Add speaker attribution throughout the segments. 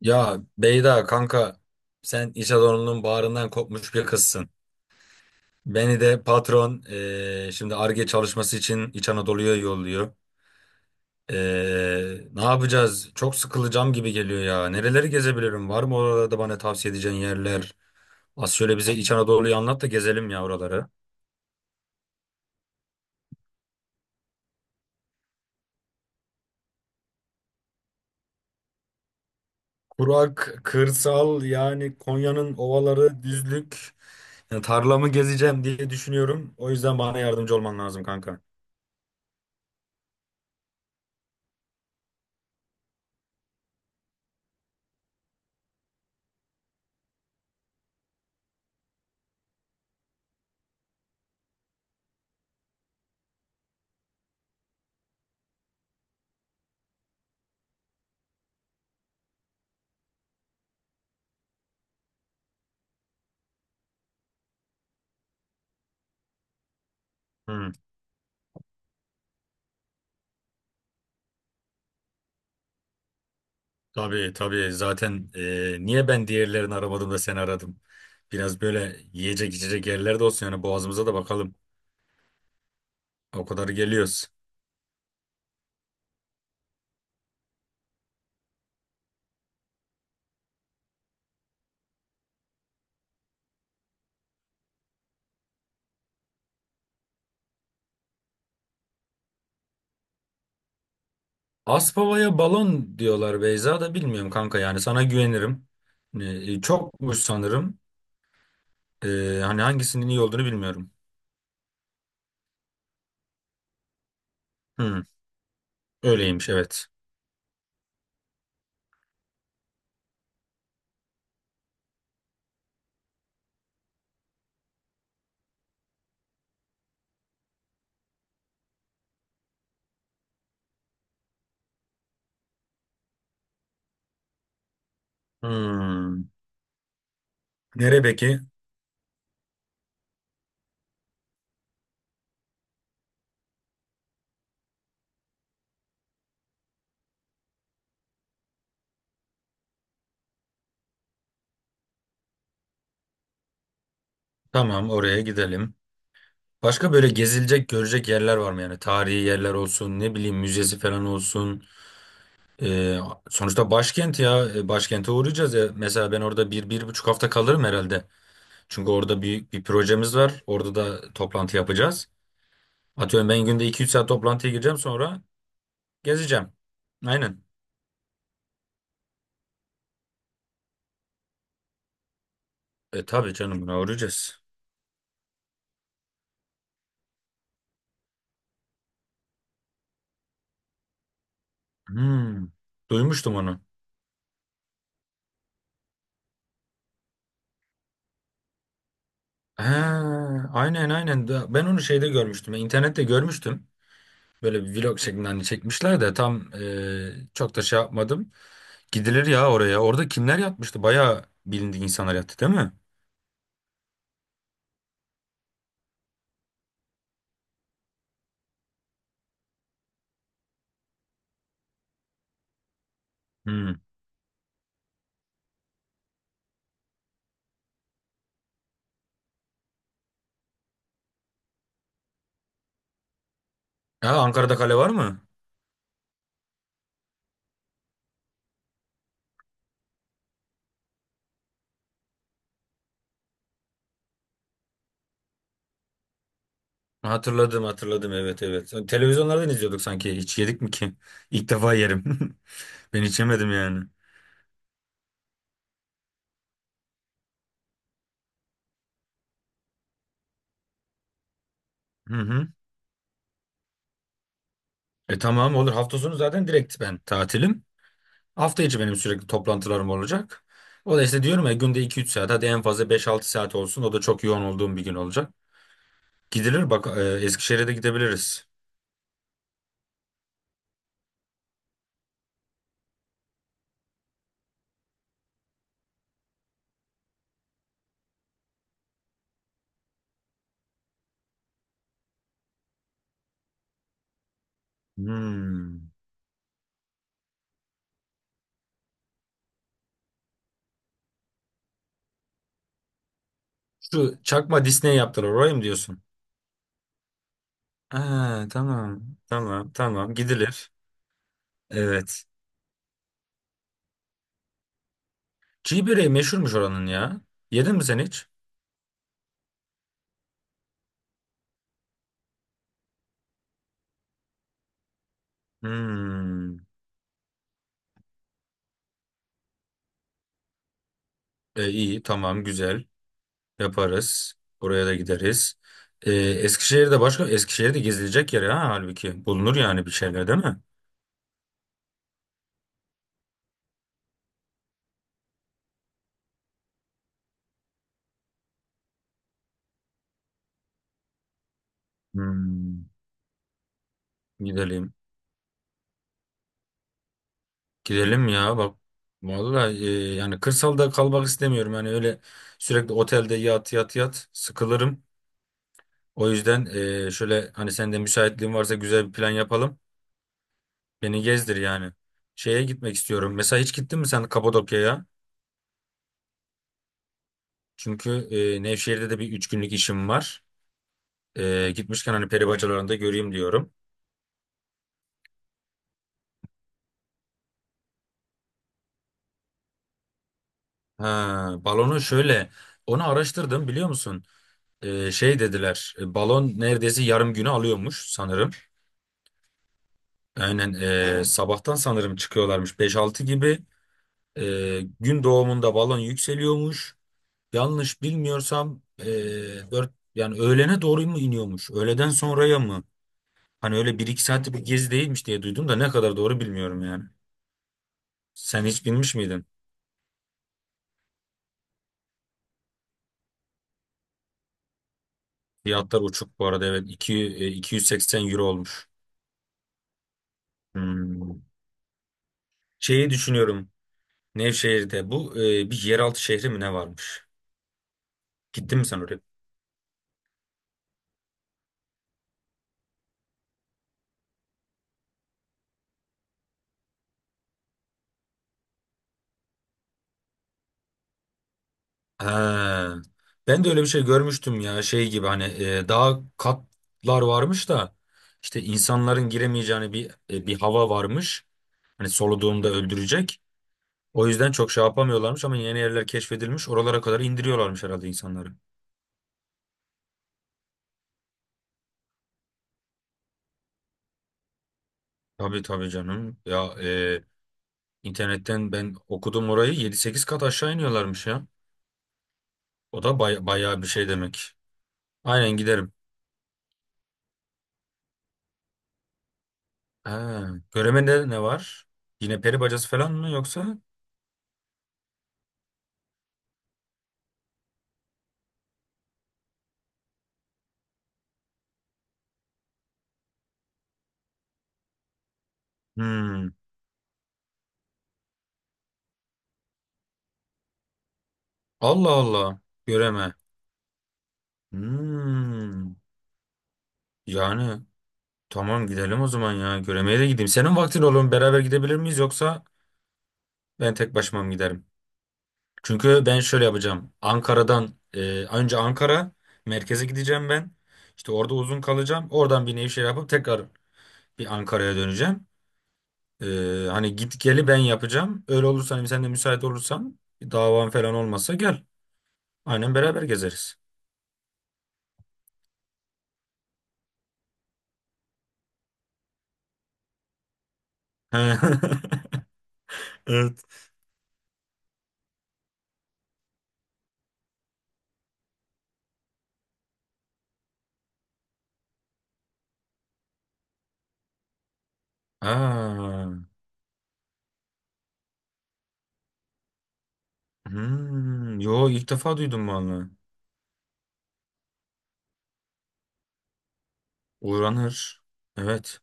Speaker 1: Ya Beyda kanka sen iş adamının bağrından kopmuş bir kızsın. Beni de patron şimdi Ar-Ge çalışması için İç Anadolu'ya yolluyor. Ne yapacağız? Çok sıkılacağım gibi geliyor ya. Nereleri gezebilirim? Var mı orada bana tavsiye edeceğin yerler? Az şöyle bize İç Anadolu'yu anlat da gezelim ya oraları. Kurak, kırsal yani Konya'nın ovaları, düzlük. Yani tarlamı gezeceğim diye düşünüyorum. O yüzden bana yardımcı olman lazım kanka. Tabii tabii zaten niye ben diğerlerini aramadım da seni aradım. Biraz böyle yiyecek içecek yerler de olsun yani boğazımıza da bakalım. O kadar geliyoruz. Aspava'ya balon diyorlar Beyza da bilmiyorum kanka yani sana güvenirim. Çokmuş sanırım. E, Hani hangisinin iyi olduğunu bilmiyorum. Hmm, öyleymiş evet. Hmm. Nere peki? Tamam oraya gidelim. Başka böyle gezilecek görecek yerler var mı yani? Tarihi yerler olsun ne bileyim müzesi falan olsun. Ee, Sonuçta başkent ya. Başkente uğrayacağız ya. Mesela ben orada bir, bir buçuk hafta kalırım herhalde. Çünkü orada büyük bir projemiz var. Orada da toplantı yapacağız. Atıyorum ben günde iki üç saat toplantıya gireceğim sonra gezeceğim. Aynen. E tabii canım buna uğrayacağız. Hmm, duymuştum onu. Ha, aynen aynen. Ben onu şeyde görmüştüm. İnternette görmüştüm. Böyle bir vlog şeklinde hani çekmişler de tam çok da şey yapmadım. Gidilir ya oraya. Orada kimler yatmıştı? Bayağı bilindik insanlar yattı değil mi? Hmm. Ha, Ankara'da kale var mı? Hatırladım hatırladım evet evet. Televizyonlardan izliyorduk sanki. Hiç yedik mi ki? İlk defa yerim. Ben hiç yemedim yani. Hı hı. E tamam olur. Hafta sonu zaten direkt ben tatilim. Hafta içi benim sürekli toplantılarım olacak. O da işte diyorum ya günde iki üç saat hadi en fazla beş altı saat olsun. O da çok yoğun olduğum bir gün olacak. Gidilir bak Eskişehir'e de gidebiliriz. Hmm. Şu çakma Disney yaptılar orayı mı diyorsun? Ha, tamam tamam tamam gidilir. Evet. Çiğ böreği meşhurmuş oranın ya. Yedin mi sen hiç? Hmm. İyi tamam güzel yaparız. Oraya da gideriz. Eskişehir'de başka Eskişehir'de gezilecek yer ha halbuki. Bulunur yani bir şeyler değil mi? Hmm. Gidelim. Gidelim ya bak. Vallahi yani kırsalda kalmak istemiyorum. Yani öyle sürekli otelde yat yat yat sıkılırım. O yüzden şöyle hani sen de müsaitliğin varsa güzel bir plan yapalım. Beni gezdir yani. Şeye gitmek istiyorum. Mesela hiç gittin mi sen Kapadokya'ya? Çünkü Nevşehir'de de bir üç günlük işim var. Gitmişken hani peri bacalarını da göreyim diyorum. Ha, balonu şöyle. Onu araştırdım biliyor musun? Şey dediler. Balon neredeyse yarım günü alıyormuş sanırım. Aynen sabahtan sanırım çıkıyorlarmış beş altı gibi. Gün doğumunda balon yükseliyormuş. Yanlış bilmiyorsam dört yani öğlene doğru mu iniyormuş? Öğleden sonraya mı? Hani öyle bir iki saatlik bir gezi değilmiş diye duydum da ne kadar doğru bilmiyorum yani. Sen hiç binmiş miydin? Fiyatlar uçuk bu arada evet. 280 euro olmuş. Hmm. Şeyi düşünüyorum. Nevşehir'de bu bir yeraltı şehri mi ne varmış? Gittin mi sen oraya? Ha. Ben de öyle bir şey görmüştüm ya şey gibi hani daha katlar varmış da işte insanların giremeyeceğini bir hava varmış. Hani soluduğunda öldürecek. O yüzden çok şey yapamıyorlarmış ama yeni yerler keşfedilmiş. Oralara kadar indiriyorlarmış herhalde insanları. Tabii tabii canım. Ya internetten ben okudum orayı 7-8 kat aşağı iniyorlarmış ya. O da bayağı bir şey demek. Aynen giderim. Ha, Göreme'de ne var? Yine peri bacası falan mı yoksa? Hmm. Allah Allah. Göreme. Hmm. Yani tamam gidelim o zaman ya. Göreme'ye de gideyim. Senin vaktin olur mu? Beraber gidebilir miyiz yoksa ben tek başıma mı giderim? Çünkü ben şöyle yapacağım. Ankara'dan önce Ankara merkeze gideceğim ben. İşte orada uzun kalacağım. Oradan bir Nevşehir yapıp tekrar bir Ankara'ya döneceğim. E, Hani git geli ben yapacağım. Öyle olursa hani sen de müsait olursan bir davan falan olmasa gel. Aynen beraber gezeriz. Evet. Aa, hmm, yo ilk defa duydum vallahi. Uğranır. Evet.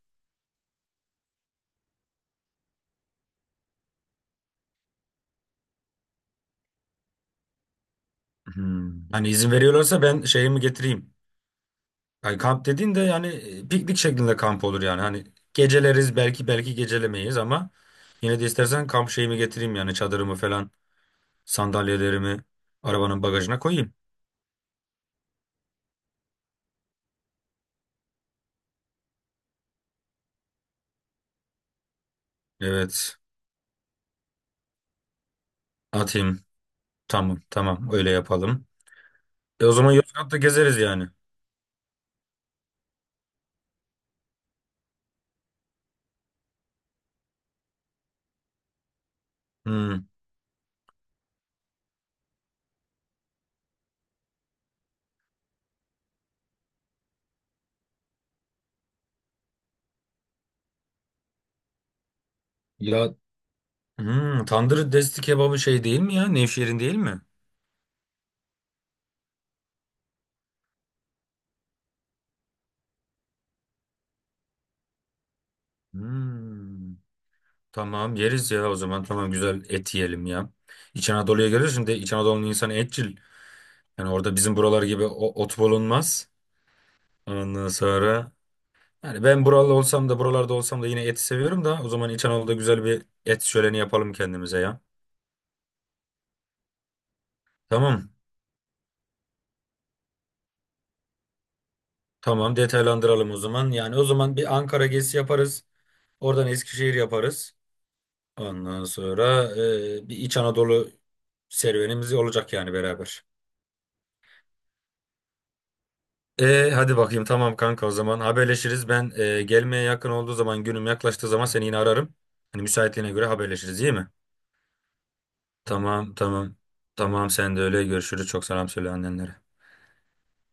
Speaker 1: Hmm. Hani izin veriyorlarsa ben şeyimi getireyim. Yani kamp dediğin de yani piknik şeklinde kamp olur yani. Hani geceleriz belki belki gecelemeyiz ama yine de istersen kamp şeyimi getireyim yani çadırımı falan sandalyelerimi arabanın bagajına koyayım. Evet atayım. Tamam tamam öyle yapalım. E o zaman Yozgat'ta gezeriz yani. Hmm. Ya hmm, tandır desti kebabı şey değil mi ya? Nevşehir'in değil mi? Hmm. Tamam yeriz ya o zaman tamam güzel et yiyelim ya. İç Anadolu'ya geliyorsun de İç Anadolu'nun insanı etçil. Yani orada bizim buralar gibi ot bulunmaz. Ondan sonra yani ben buralı olsam da buralarda olsam da yine eti seviyorum da o zaman İç Anadolu'da güzel bir et şöleni yapalım kendimize ya. Tamam. Tamam detaylandıralım o zaman. Yani o zaman bir Ankara gezisi yaparız. Oradan Eskişehir yaparız. Ondan sonra bir İç Anadolu serüvenimiz olacak yani beraber. Hadi bakayım tamam kanka o zaman haberleşiriz. Ben gelmeye yakın olduğu zaman günüm yaklaştığı zaman seni yine ararım. Hani müsaitliğine göre haberleşiriz iyi mi? Tamam tamam. Tamam sen de öyle görüşürüz. Çok selam söyle annenlere.